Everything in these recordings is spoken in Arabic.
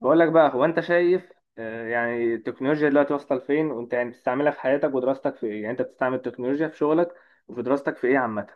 بقول لك بقى، هو انت شايف؟ يعني التكنولوجيا دلوقتي واصله لفين؟ وانت يعني بتستعملها في حياتك ودراستك في ايه؟ يعني انت بتستعمل التكنولوجيا في شغلك وفي دراستك في ايه عامه؟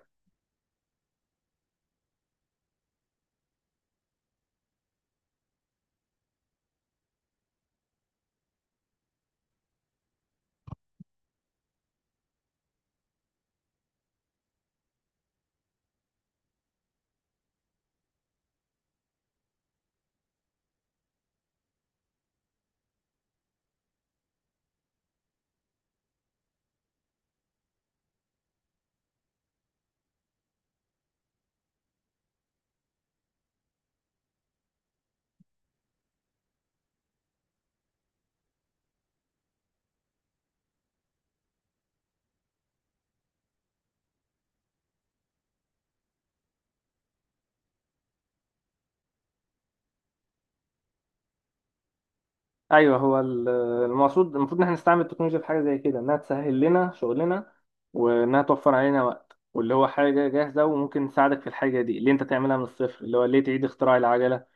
ايوه. المقصود المفروض ان احنا نستعمل التكنولوجيا في حاجه زي كده، انها تسهل لنا شغلنا وانها توفر علينا وقت، واللي هو حاجه جاهزه وممكن تساعدك في الحاجه دي اللي انت تعملها من الصفر. اللي هو ليه تعيد اختراع العجله؟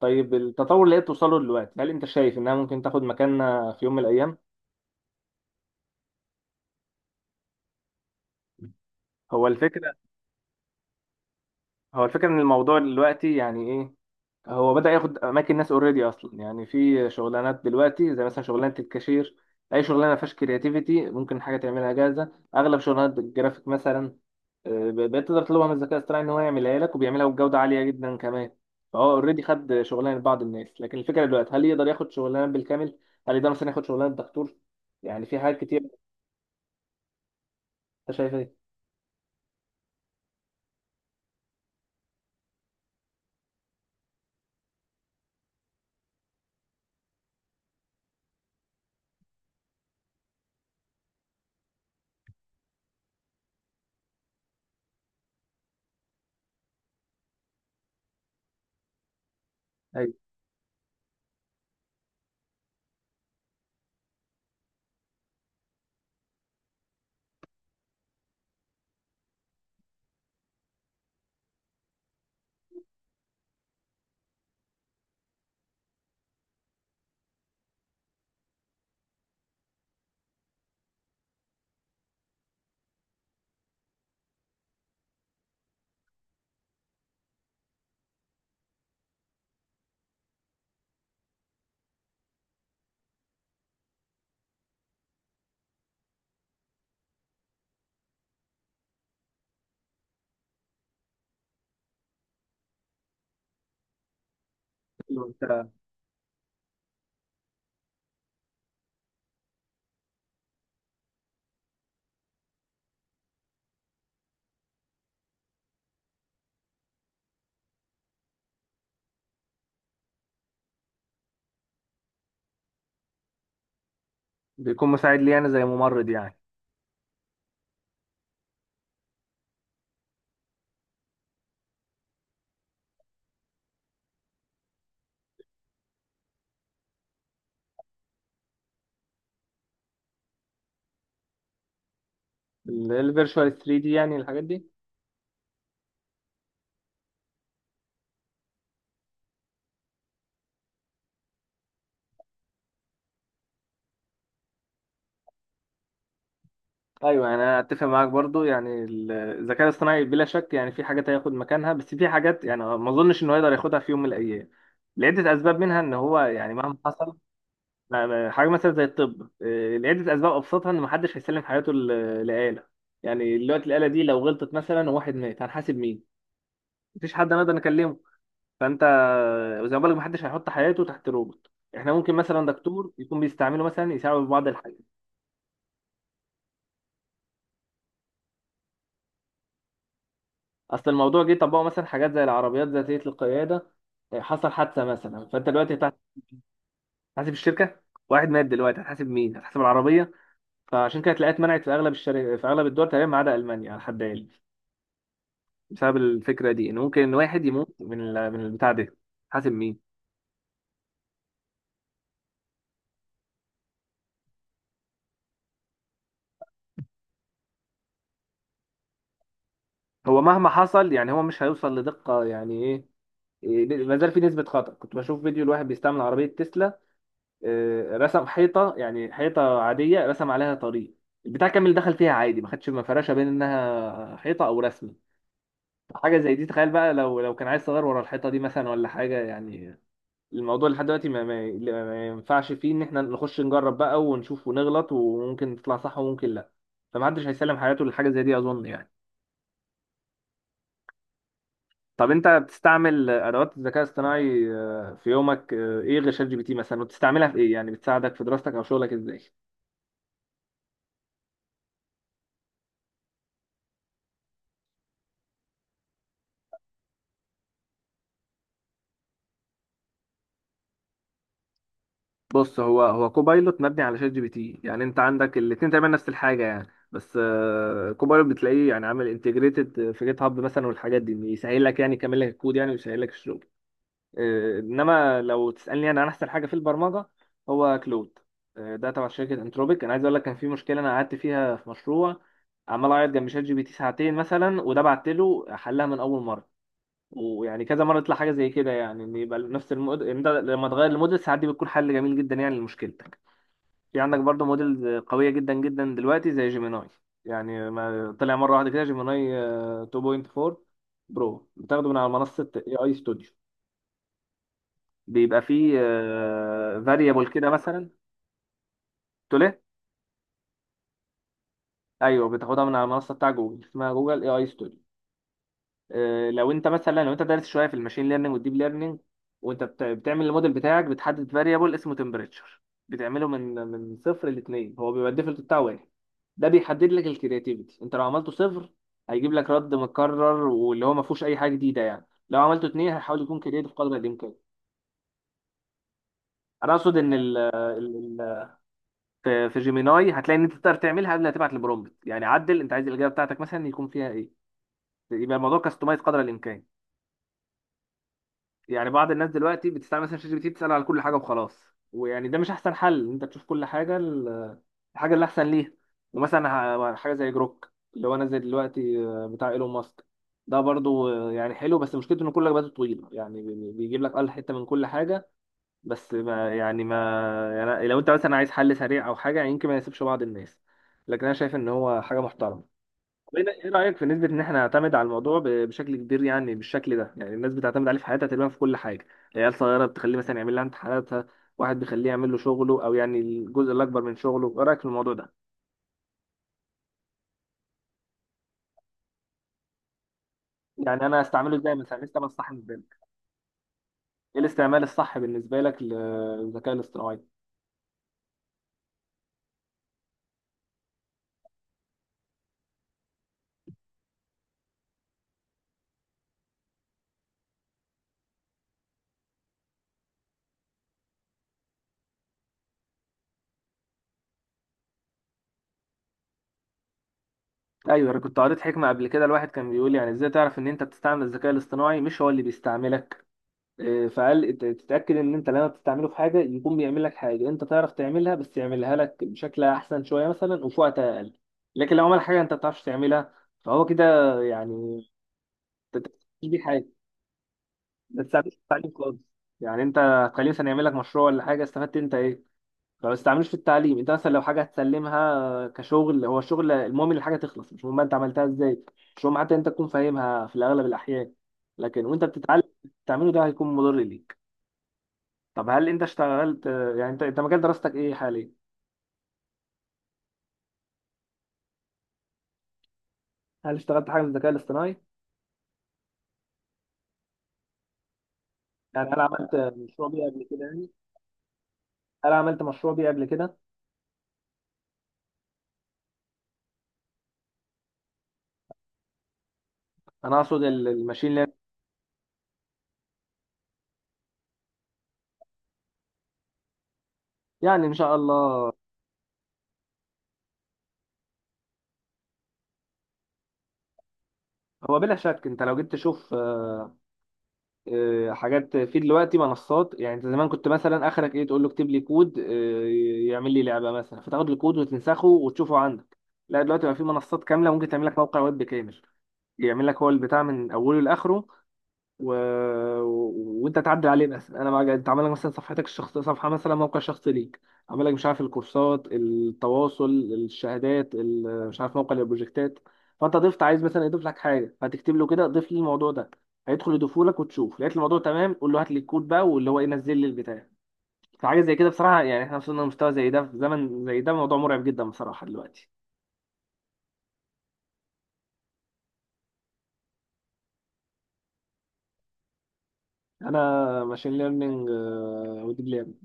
طيب، التطور اللي هي بتوصله دلوقتي، هل انت شايف انها ممكن تاخد مكاننا في يوم من الايام؟ هو الفكره، هو الفكرة ان الموضوع دلوقتي يعني ايه. هو بدأ ياخد اماكن ناس اوريدي اصلا، يعني في شغلانات دلوقتي زي مثلا شغلانة الكاشير، اي شغلانة ما فيهاش كرياتيفيتي ممكن حاجة تعملها جاهزة، اغلب شغلانات الجرافيك مثلا بقيت تقدر تطلبها من الذكاء الاصطناعي ان هو يعملها لك، وبيعملها بجودة عالية جدا كمان. فهو اوريدي خد شغلانة بعض الناس، لكن الفكرة دلوقتي هل يقدر ياخد شغلانة بالكامل؟ هل يقدر مثلا ياخد شغلانة دكتور؟ يعني في حاجات كتير. انت شايف ايه؟ أيوة. بيكون مساعد لي انا زي ممرض يعني. الفيرتشوال 3 دي يعني، الحاجات دي. ايوه، يعني انا اتفق معاك برضو. يعني الذكاء الاصطناعي بلا شك يعني في حاجات هياخد مكانها، بس في حاجات يعني ما اظنش انه يقدر ياخدها في يوم من الايام، لعده اسباب منها ان هو يعني مهما حصل حاجه مثلا زي الطب لعده اسباب ابسطها ان محدش هيسلم حياته لآلة. يعني دلوقتي الآلة دي لو غلطت مثلا وواحد مات، هنحاسب مين؟ مفيش حد نقدر نكلمه. فانت، وزي ما بقولك، محدش هيحط حياته تحت روبوت. احنا ممكن مثلا دكتور يكون بيستعمله مثلا، يساعده في بعض الحاجات. اصل الموضوع جه طبقوا مثلا حاجات زي العربيات ذاتيه القياده، حصل حادثه مثلا، فانت دلوقتي هتحاسب الشركه؟ واحد مات دلوقتي هتحاسب مين؟ هتحاسب العربيه؟ فعشان كده تلاقيها اتمنعت في اغلب الشركات في اغلب الدول تقريبا، ما عدا المانيا على حد علمي، بسبب الفكره دي، ان ممكن واحد يموت من البتاع ده، حاسب مين؟ هو مهما حصل يعني هو مش هيوصل لدقه يعني ايه. ما زال في نسبه خطا. كنت بشوف فيديو لواحد بيستعمل عربيه تسلا، رسم حيطه، يعني حيطه عاديه رسم عليها طريق، البتاع كامل دخل فيها عادي، ما خدش مفرشه بين انها حيطه او رسمه. حاجه زي دي، تخيل بقى لو كان عايز صغير ورا الحيطه دي مثلا ولا حاجه يعني. الموضوع لحد دلوقتي ما ينفعش فيه ان احنا نخش نجرب بقى ونشوف ونغلط، وممكن تطلع صح وممكن لا. فمحدش هيسلم حياته لحاجه زي دي، اظن يعني. طب انت بتستعمل ادوات الذكاء الاصطناعي في يومك، ايه غير شات جي بي تي مثلا؟ وبتستعملها في ايه؟ يعني بتساعدك في دراستك او شغلك ازاي؟ بص، هو كوبايلوت مبني على شات جي بي تي، يعني انت عندك الاتنين تقريبا نفس الحاجه يعني. بس كوبايلوت بتلاقيه يعني عامل انتجريتد في جيت هاب مثلا والحاجات دي، إن يسهل لك يعني يكمل لك الكود يعني ويسهل لك الشغل. انما لو تسالني انا عن احسن حاجه في البرمجه، هو كلود. ده تبع شركه انتروبيك. انا عايز اقول لك، كان في مشكله انا قعدت فيها في مشروع، عمال اعيط جنب شات جي بي تي ساعتين مثلا، وده بعت له حلها من اول مره. ويعني كذا مرة يطلع حاجة زي كده، يعني ان يبقى نفس إن ده لما تغير الموديل، ساعات دي بتكون حل جميل جدا يعني لمشكلتك. في عندك برضو موديل قوية جدا جدا دلوقتي زي جيميناي. يعني ما طلع مرة واحدة كده جيميناي 2.4 برو، بتاخده من على منصة اي اي ستوديو. بيبقى فيه فاريبل كده مثلا. تقول ايه؟ ايوه، بتاخدها من على المنصة بتاع جوجل، اسمها جوجل اي اي ستوديو. لو انت مثلا، لو انت دارس شويه في الماشين ليرنينج والديب ليرنينج، وانت بتعمل الموديل بتاعك، بتحدد فاريبل اسمه تمبريتشر. بتعمله من صفر لاثنين، هو بيبقى الديفولت بتاعه واحد. ده بيحدد لك الكرياتيفيتي. انت لو عملته صفر، هيجيب لك رد مكرر واللي هو ما فيهوش اي حاجه جديده يعني. لو عملته اثنين، هيحاول يكون كرياتيف قدر الامكان. انا اقصد ان في في جيميناي هتلاقي ان انت تقدر تعملها قبل ما تبعت البرومبت، يعني عدل انت عايز الاجابه بتاعتك مثلا يكون فيها ايه، يبقى الموضوع كاستمايز قدر الامكان. يعني بعض الناس دلوقتي بتستعمل مثلا شات جي بي تي، بتسأل على كل حاجة وخلاص، ويعني ده مش أحسن حل. إن أنت تشوف كل حاجة، الحاجة اللي أحسن ليها. ومثلا حاجة زي جروك اللي هو نازل دلوقتي، بتاع إيلون ماسك، ده برضو يعني حلو، بس مشكلته إن كل إجاباته طويلة، يعني بيجيب لك أقل حتة من كل حاجة. بس ما يعني ما يعني لو أنت مثلا عايز حل سريع أو حاجة، يعني يمكن ما يناسبش بعض الناس، لكن أنا شايف إن هو حاجة محترمة. طيب، ايه رايك في نسبه ان احنا نعتمد على الموضوع بشكل كبير؟ يعني بالشكل ده، يعني الناس بتعتمد عليه في حياتها تقريبا في كل حاجه. العيال صغيره بتخليه مثلا يعمل لها امتحاناتها، واحد بيخليه يعمل له شغله او يعني الجزء الاكبر من شغله. ايه رايك في الموضوع ده؟ يعني انا استعمله ازاي مثلا؟ استعمل الصح بالنسبه لك، ايه الاستعمال الصح بالنسبه لك للذكاء الاصطناعي؟ ايوه، انا كنت قريت حكمه قبل كده، الواحد كان بيقول يعني ازاي تعرف ان انت بتستعمل الذكاء الاصطناعي مش هو اللي بيستعملك. فقال تتأكد إن أنت لما بتستعمله في حاجة، يكون بيعمل لك حاجة أنت تعرف تعملها، بس يعملها لك بشكل أحسن شوية مثلا، وفي وقت أقل. لكن لو عمل حاجة أنت ما بتعرفش تعملها، فهو كده يعني أنت بتستفيدش بيه حاجة. ما تستعملوش في التعليم خالص. يعني أنت هتخليه مثلا يعمل لك مشروع ولا حاجة، استفدت أنت إيه؟ فما تستعملوش في التعليم. أنت مثلا لو حاجة هتسلمها كشغل، هو الشغل المهم إن الحاجة تخلص، مش مهم بقى أنت عملتها إزاي، مش مهم حتى أنت تكون فاهمها في الأغلب الأحيان. لكن وأنت بتتعلم، تعمله ده هيكون مضر ليك. طب هل انت اشتغلت؟ يعني انت مجال دراستك ايه حاليا؟ هل اشتغلت حاجه في الذكاء الاصطناعي؟ يعني انا عملت مشروع بيه قبل كده يعني، انا عملت مشروع بيه قبل كده. انا اقصد الماشين ليرنينج. يعني ان شاء الله. هو بلا شك انت لو جيت تشوف، حاجات في دلوقتي منصات، يعني انت زمان كنت مثلا اخرك ايه، تقول له اكتب لي كود يعمل لي لعبه مثلا، فتاخد الكود وتنسخه وتشوفه عندك. لا دلوقتي بقى في منصات كامله ممكن تعمل لك موقع ويب كامل، يعمل لك هو البتاع من اوله لاخره، و... وانت تعدل عليه مثلا. انا، ما انت عامل لك مثلا صفحتك الشخصيه، صفحه مثلا، موقع شخصي ليك، عامل لك مش عارف الكورسات، التواصل، الشهادات، مش عارف موقع البروجكتات. فانت ضفت عايز مثلا يضيف لك حاجه، هتكتب له كده ضيف لي الموضوع ده، هيدخل يضيفه لك، وتشوف لقيت الموضوع تمام، قول له هات لي الكود بقى، واللي هو ينزل لي البتاع. فحاجه زي كده بصراحه، يعني احنا وصلنا لمستوى زي ده في زمن زي ده، موضوع مرعب جدا بصراحه دلوقتي. انا ماشين ليرنينج وديب.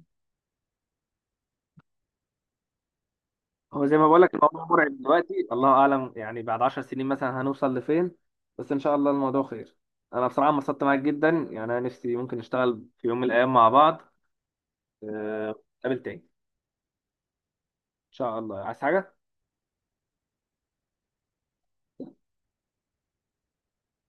هو زي ما بقول لك، الموضوع مرعب دلوقتي، الله اعلم يعني بعد 10 سنين مثلا هنوصل لفين. بس ان شاء الله الموضوع خير. انا بصراحه انبسطت معاك جدا، يعني انا نفسي ممكن نشتغل في يوم من الايام مع بعض. نتقابل تاني ان شاء الله. عايز حاجه؟